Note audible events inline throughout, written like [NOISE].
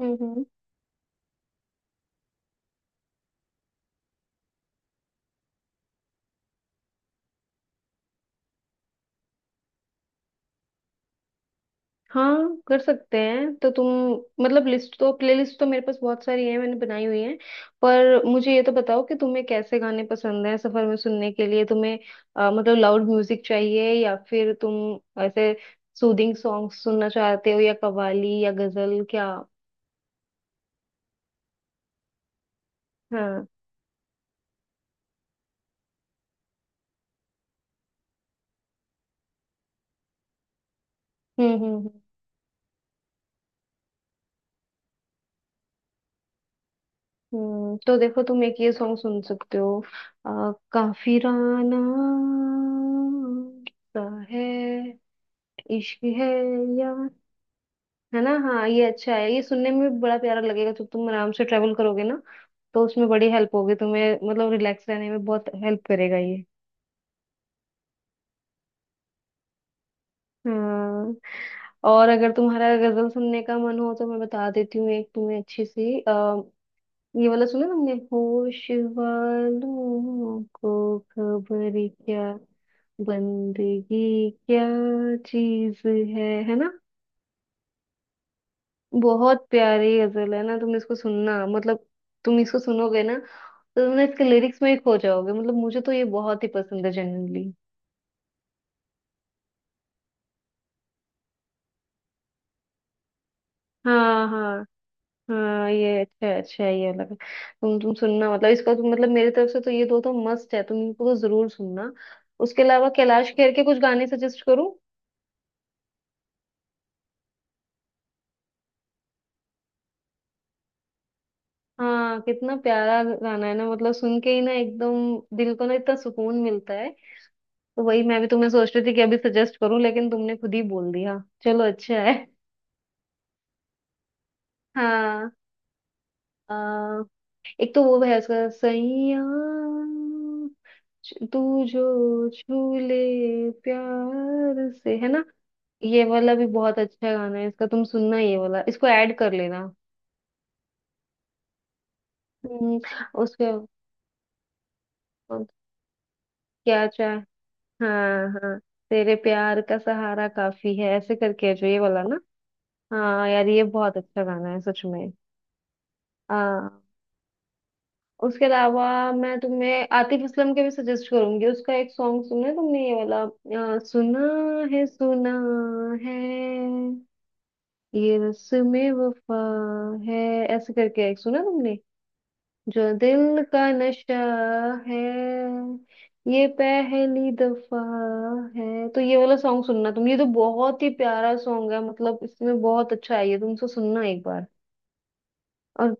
हम्म हम्म। हाँ, कर सकते हैं। तो तुम मतलब लिस्ट तो प्लेलिस्ट तो मेरे पास बहुत सारी है, मैंने बनाई हुई है। पर मुझे ये तो बताओ कि तुम्हें कैसे गाने पसंद हैं सफर में सुनने के लिए तुम्हें। मतलब लाउड म्यूजिक चाहिए या फिर तुम ऐसे सूदिंग सॉन्ग सुनना चाहते हो, या कव्वाली या गजल क्या? हाँ। हम्म हम्म हम्म हम्म। तो देखो, तुम एक ये सॉन्ग सुन सकते हो, अ, काफिराना सा है, इश्क है, या है ना। हाँ, ये अच्छा है, ये सुनने में भी बड़ा प्यारा लगेगा जब तुम आराम से ट्रेवल करोगे ना। तो उसमें बड़ी हेल्प होगी तुम्हें, मतलब रिलैक्स रहने में बहुत हेल्प करेगा ये। हाँ। और अगर तुम्हारा गजल सुनने का मन हो तो मैं बता देती हूँ एक तुम्हें अच्छी सी। ये वाला सुना तुमने, होश वालों को खबर क्या, बंदगी क्या चीज है ना? बहुत प्यारी गजल है ना। तुम इसको सुनना, मतलब तुम इसको सुनोगे ना तो तुम ना इसके लिरिक्स में ही खो जाओगे। मतलब मुझे तो ये बहुत ही पसंद है जनरली। हाँ हाँ हाँ, ये अच्छा है, अच्छा है, ये अलग है। तुम सुनना मतलब इसका, तो मतलब मेरी तरफ से तो ये दो तो मस्ट है, तुम इनको तो जरूर सुनना। उसके अलावा कैलाश खेर के कुछ गाने सजेस्ट करूँ? हाँ, कितना प्यारा गाना है ना, मतलब सुन के ही ना एकदम दिल को ना इतना सुकून मिलता है। तो वही मैं भी तुम्हें सोच रही थी कि अभी सजेस्ट करूँ, लेकिन तुमने खुद ही बोल दिया। चलो अच्छा है। हाँ। आ, एक तो वो है उसका, सैया तू जो छू ले प्यार से, है ना? ये वाला भी बहुत अच्छा गाना है इसका, तुम सुनना ये वाला, इसको ऐड कर लेना। हम्म, उसके बाद क्या चाहे। हाँ हाँ, तेरे प्यार का सहारा काफी है, ऐसे करके है जो ये वाला ना। हाँ यार, ये बहुत अच्छा गाना है सच में। हाँ। उसके अलावा मैं तुम्हें आतिफ असलम के भी सजेस्ट करूंगी। उसका एक सॉन्ग सुना है तुमने ये वाला, सुना है, सुना है ये रस्मे वफा है, ऐसे करके एक सुना तुमने, जो दिल का नशा है, ये पहली दफा है। तो ये वाला सॉन्ग सुनना तुम, ये तो बहुत ही प्यारा सॉन्ग है, मतलब इसमें बहुत अच्छा है ये, तुम इसको सुनना एक बार। और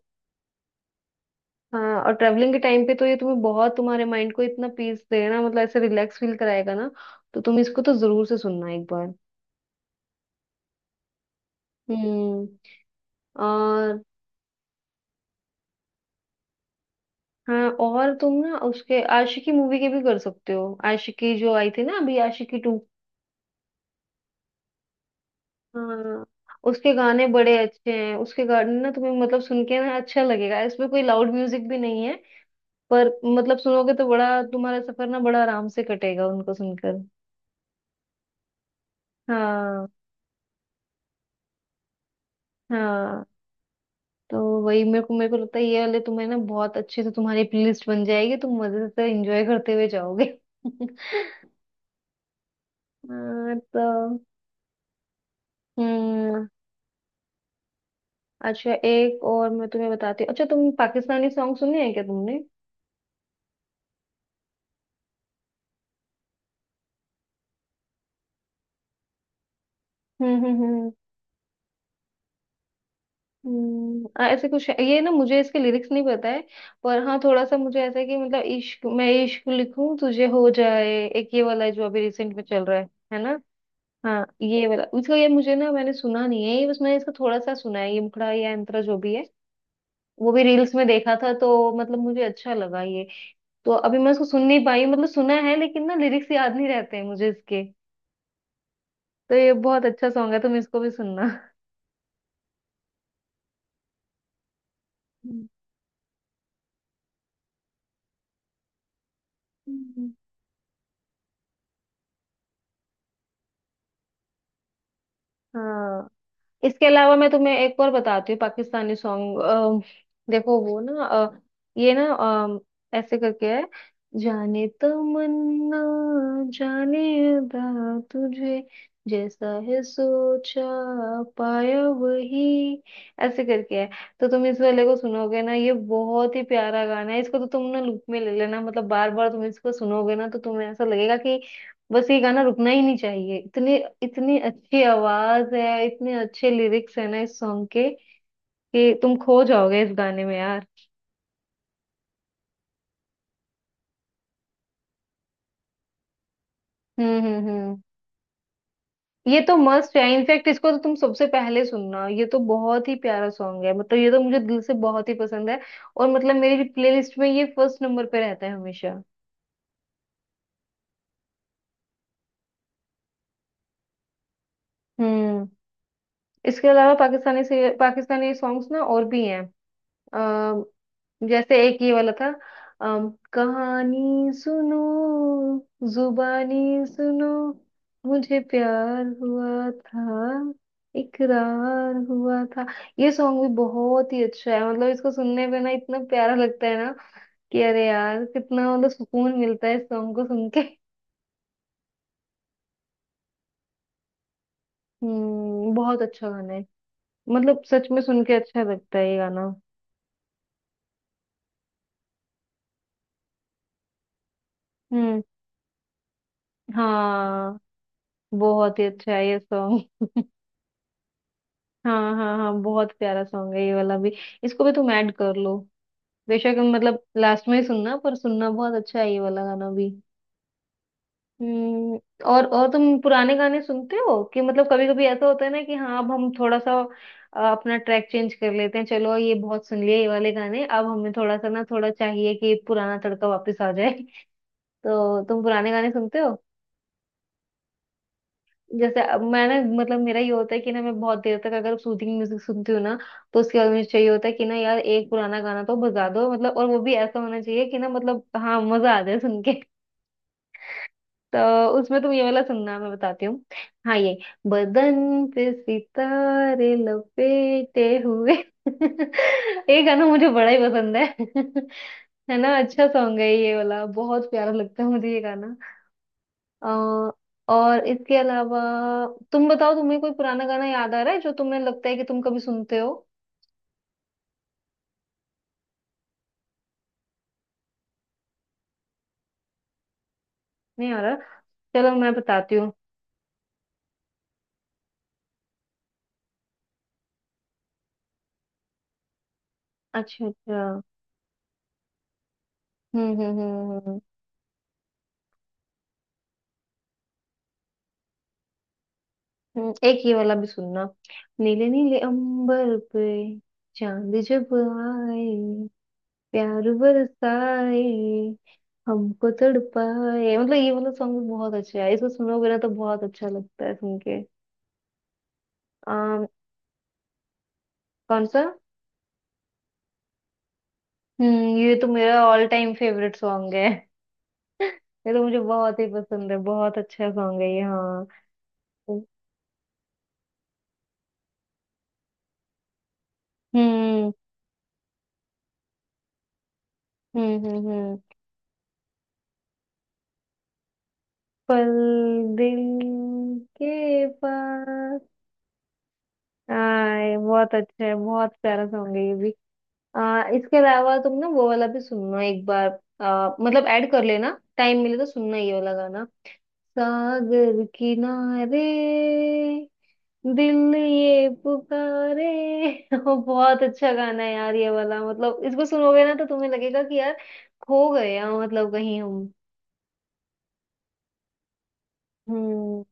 हाँ, और ट्रेवलिंग के टाइम पे तो ये तुम्हें बहुत, तुम्हारे माइंड को इतना पीस देगा, मतलब ऐसे रिलैक्स फील कराएगा ना। तो तुम इसको तो जरूर से सुनना एक बार। हम्म। और हाँ, और तुम ना उसके आशिकी मूवी के भी कर सकते हो। आशिकी जो आई थी ना, अभी आशिकी टू। हाँ। उसके गाने बड़े अच्छे हैं, उसके गाने ना तुम्हें मतलब सुन के ना अच्छा लगेगा, इसमें कोई लाउड म्यूजिक भी नहीं है। पर मतलब सुनोगे तो बड़ा तुम्हारा सफर ना बड़ा आराम से कटेगा उनको सुनकर। हाँ हाँ। तो वही मेरे को लगता है ये वाले तुम्हें ना बहुत अच्छे से, तुम्हारी प्लेलिस्ट बन जाएगी, तुम मजे से एंजॉय करते हुए जाओगे। [LAUGHS] हाँ, तो हम्म। अच्छा, एक और मैं तुम्हें बताती हूँ। अच्छा तुम पाकिस्तानी सॉन्ग सुने हैं क्या तुमने? हम्म हम्म हम्म हम्म। ऐसे कुछ है ये ना, मुझे इसके लिरिक्स नहीं पता है। पर हाँ, थोड़ा सा मुझे ऐसा है कि मतलब इश्क, मैं इश्क लिखूं तुझे हो जाए, एक ये वाला है जो अभी रिसेंट में चल रहा है ना। हाँ, ये वाला इसका ये मुझे ना मैंने सुना नहीं है ये, बस मैंने इसका थोड़ा सा सुना है, ये मुखड़ा या अंतरा जो भी है वो भी रील्स में देखा था, तो मतलब मुझे अच्छा लगा ये। तो अभी मैं उसको सुन नहीं पाई, मतलब सुना है लेकिन ना लिरिक्स याद नहीं रहते हैं मुझे इसके। तो ये बहुत अच्छा सॉन्ग है, तुम इसको भी सुनना। हम्म। हाँ, इसके अलावा मैं तुम्हें एक और बताती हूँ पाकिस्तानी सॉन्ग। देखो वो ना ये ना ऐसे करके है, जाने तमन्ना, जाने अदा तुझे, जैसा है सोचा पाया वही, ऐसे करके है। तो तुम इस वाले को सुनोगे ना, ये बहुत ही प्यारा गाना है। इसको तो तुम ना लूप में ले लेना, मतलब बार बार तुम इसको सुनोगे ना तो तुम्हें ऐसा लगेगा कि बस ये गाना रुकना ही नहीं चाहिए। इतने, इतनी अच्छी आवाज है, इतने अच्छे लिरिक्स है ना इस सॉन्ग के, कि तुम खो जाओगे इस गाने में यार। हम्म। ये तो मस्त है, इनफैक्ट इसको तो तुम सबसे पहले सुनना, ये तो बहुत ही प्यारा सॉन्ग है, मतलब ये तो मुझे दिल से बहुत ही पसंद है। और मतलब मेरी प्लेलिस्ट में ये फर्स्ट नंबर पे रहता है हमेशा। हम्म। इसके अलावा पाकिस्तानी से पाकिस्तानी सॉन्ग्स ना और भी हैं। जैसे एक ये वाला था कहानी सुनो, जुबानी सुनो, मुझे प्यार हुआ था, इकरार हुआ था। ये सॉन्ग भी बहुत ही अच्छा है, मतलब इसको सुनने पे ना इतना प्यारा लगता है ना कि अरे यार, कितना मतलब सुकून मिलता है इस सॉन्ग को सुन के। हम्म, बहुत अच्छा गाना है, मतलब सच में सुन के अच्छा लगता है ये गाना। हम्म। हाँ, बहुत ही अच्छा है ये सॉन्ग। हाँ हाँ हाँ, बहुत प्यारा सॉन्ग है ये वाला भी, इसको भी तुम ऐड कर लो। बेशक मतलब लास्ट में ही सुनना, पर सुनना, बहुत अच्छा है ये वाला गाना भी। हम्म। और तुम पुराने गाने सुनते हो कि मतलब, कभी कभी ऐसा होता है ना कि हाँ अब हम थोड़ा सा अपना ट्रैक चेंज कर लेते हैं, चलो ये बहुत सुन लिए ये वाले गाने, अब हमें थोड़ा सा ना थोड़ा चाहिए कि पुराना तड़का वापस आ जाए। [LAUGHS] तो तुम पुराने गाने सुनते हो? जैसे अब मैं ना मतलब मेरा ये होता है कि ना मैं बहुत देर तक अगर सूदिंग म्यूजिक सुनती हूँ ना तो उसके बाद मुझे चाहिए होता है कि ना यार एक पुराना गाना तो बजा दो, मतलब और वो भी ऐसा होना चाहिए कि ना मतलब हाँ, मजा आ जाए सुन के। [LAUGHS] तो उसमें तुम ये वाला सुनना मैं बताती हूँ। हाँ, ये, बदन पे सितारे लपेटे हुए। [LAUGHS] ये गाना मुझे बड़ा ही पसंद है। [LAUGHS] है ना? अच्छा सॉन्ग है ये वाला, बहुत प्यारा लगता है मुझे ये गाना। अ, और इसके अलावा तुम बताओ, तुम्हें कोई पुराना गाना याद आ रहा है जो तुम्हें लगता है कि तुम कभी सुनते हो? नहीं आ रहा? चलो मैं बताती हूँ। अच्छा अच्छा। हम्म। एक ये वाला भी सुनना, नीले नीले अंबर पे, चांद जब आए, प्यार बरसाए, हमको तड़पाए, मतलब ये वाला सॉन्ग भी बहुत अच्छा है, इसको सुनोगे ना तो बहुत अच्छा लगता है सुन के। अम, कौन सा? हम्म, ये तो मेरा ऑल टाइम फेवरेट सॉन्ग है, ये तो मुझे बहुत ही पसंद है, बहुत अच्छा सॉन्ग है ये। हाँ। हम्म हम्म। पल दिल के पास आए, बहुत अच्छा है, बहुत प्यारा सॉन्ग है ये भी। इसके अलावा तुम ना वो वाला भी सुनना एक बार, मतलब ऐड कर लेना टाइम मिले तो, सुनना ये वाला गाना, सागर किनारे, दिल ये पुकारे। [LAUGHS] ओ, बहुत अच्छा गाना है यार ये वाला, मतलब इसको सुनोगे ना तो तुम्हें लगेगा कि यार खो गए हैं मतलब कहीं हम। हम्म।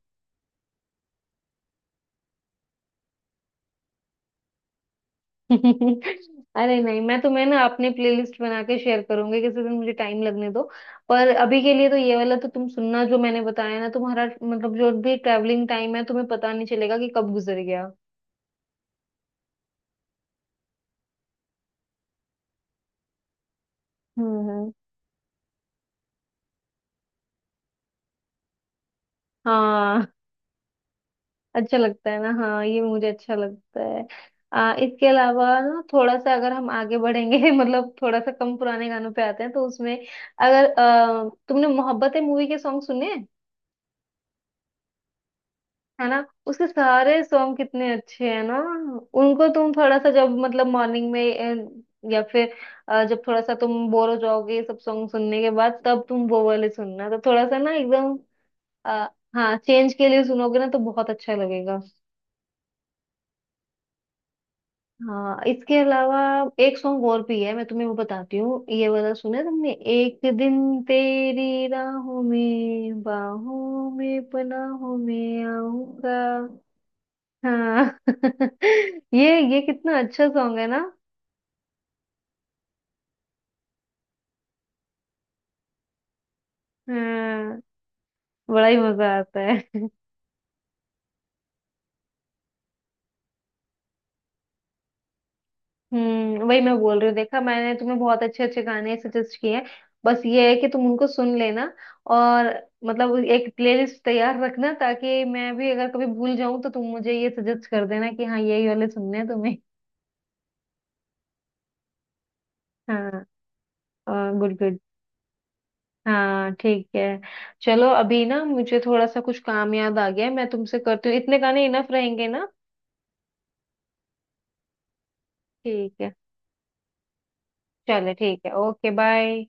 [LAUGHS] अरे नहीं, मैं तुम्हें ना अपने प्लेलिस्ट बना के शेयर करूंगी किसी दिन, मुझे टाइम लगने दो। पर अभी के लिए तो ये वाला तो तुम सुनना जो मैंने बताया ना, तुम्हारा मतलब जो भी ट्रैवलिंग टाइम है तुम्हें पता नहीं चलेगा कि कब गुजर गया। हम्म हम्म। हाँ, अच्छा लगता है ना। हाँ, ये मुझे अच्छा लगता है। इसके अलावा ना थोड़ा सा अगर हम आगे बढ़ेंगे। [LAUGHS] मतलब थोड़ा सा कम पुराने गानों पे आते हैं, तो उसमें अगर तुमने मोहब्बतें मूवी के सॉन्ग सुने हैं? है ना, उसके सारे सॉन्ग कितने अच्छे हैं ना। उनको तुम थोड़ा सा जब मतलब मॉर्निंग में या फिर जब थोड़ा सा तुम बोर हो जाओगे ये सब सॉन्ग सुनने के बाद तब तुम वो वाले सुनना, तो थोड़ा सा ना एकदम। अ, हाँ, चेंज के लिए सुनोगे ना तो बहुत अच्छा लगेगा। हाँ, इसके अलावा एक सॉन्ग और भी है मैं तुम्हें वो बताती हूँ, ये वाला सुना है तुमने, एक दिन तेरी राहों में बाहों में पनाहों में आऊंगा। हाँ। [LAUGHS] ये कितना अच्छा सॉन्ग है ना। हाँ, बड़ा ही मजा आता है। हम्म, वही मैं बोल रही हूँ, देखा, मैंने तुम्हें बहुत अच्छे अच्छे गाने सजेस्ट किए हैं। बस ये है कि तुम उनको सुन लेना और मतलब एक प्लेलिस्ट तैयार रखना ताकि मैं भी अगर कभी भूल जाऊं तो तुम मुझे ये सजेस्ट कर देना कि हाँ यही वाले सुनने हैं तुम्हें। [LAUGHS] हाँ। Good good. हाँ ठीक है। चलो अभी ना मुझे थोड़ा सा कुछ काम याद आ गया है, मैं तुमसे करती हूँ, इतने गाने इनफ रहेंगे ना। ठीक है। चलो ठीक है, ओके बाय।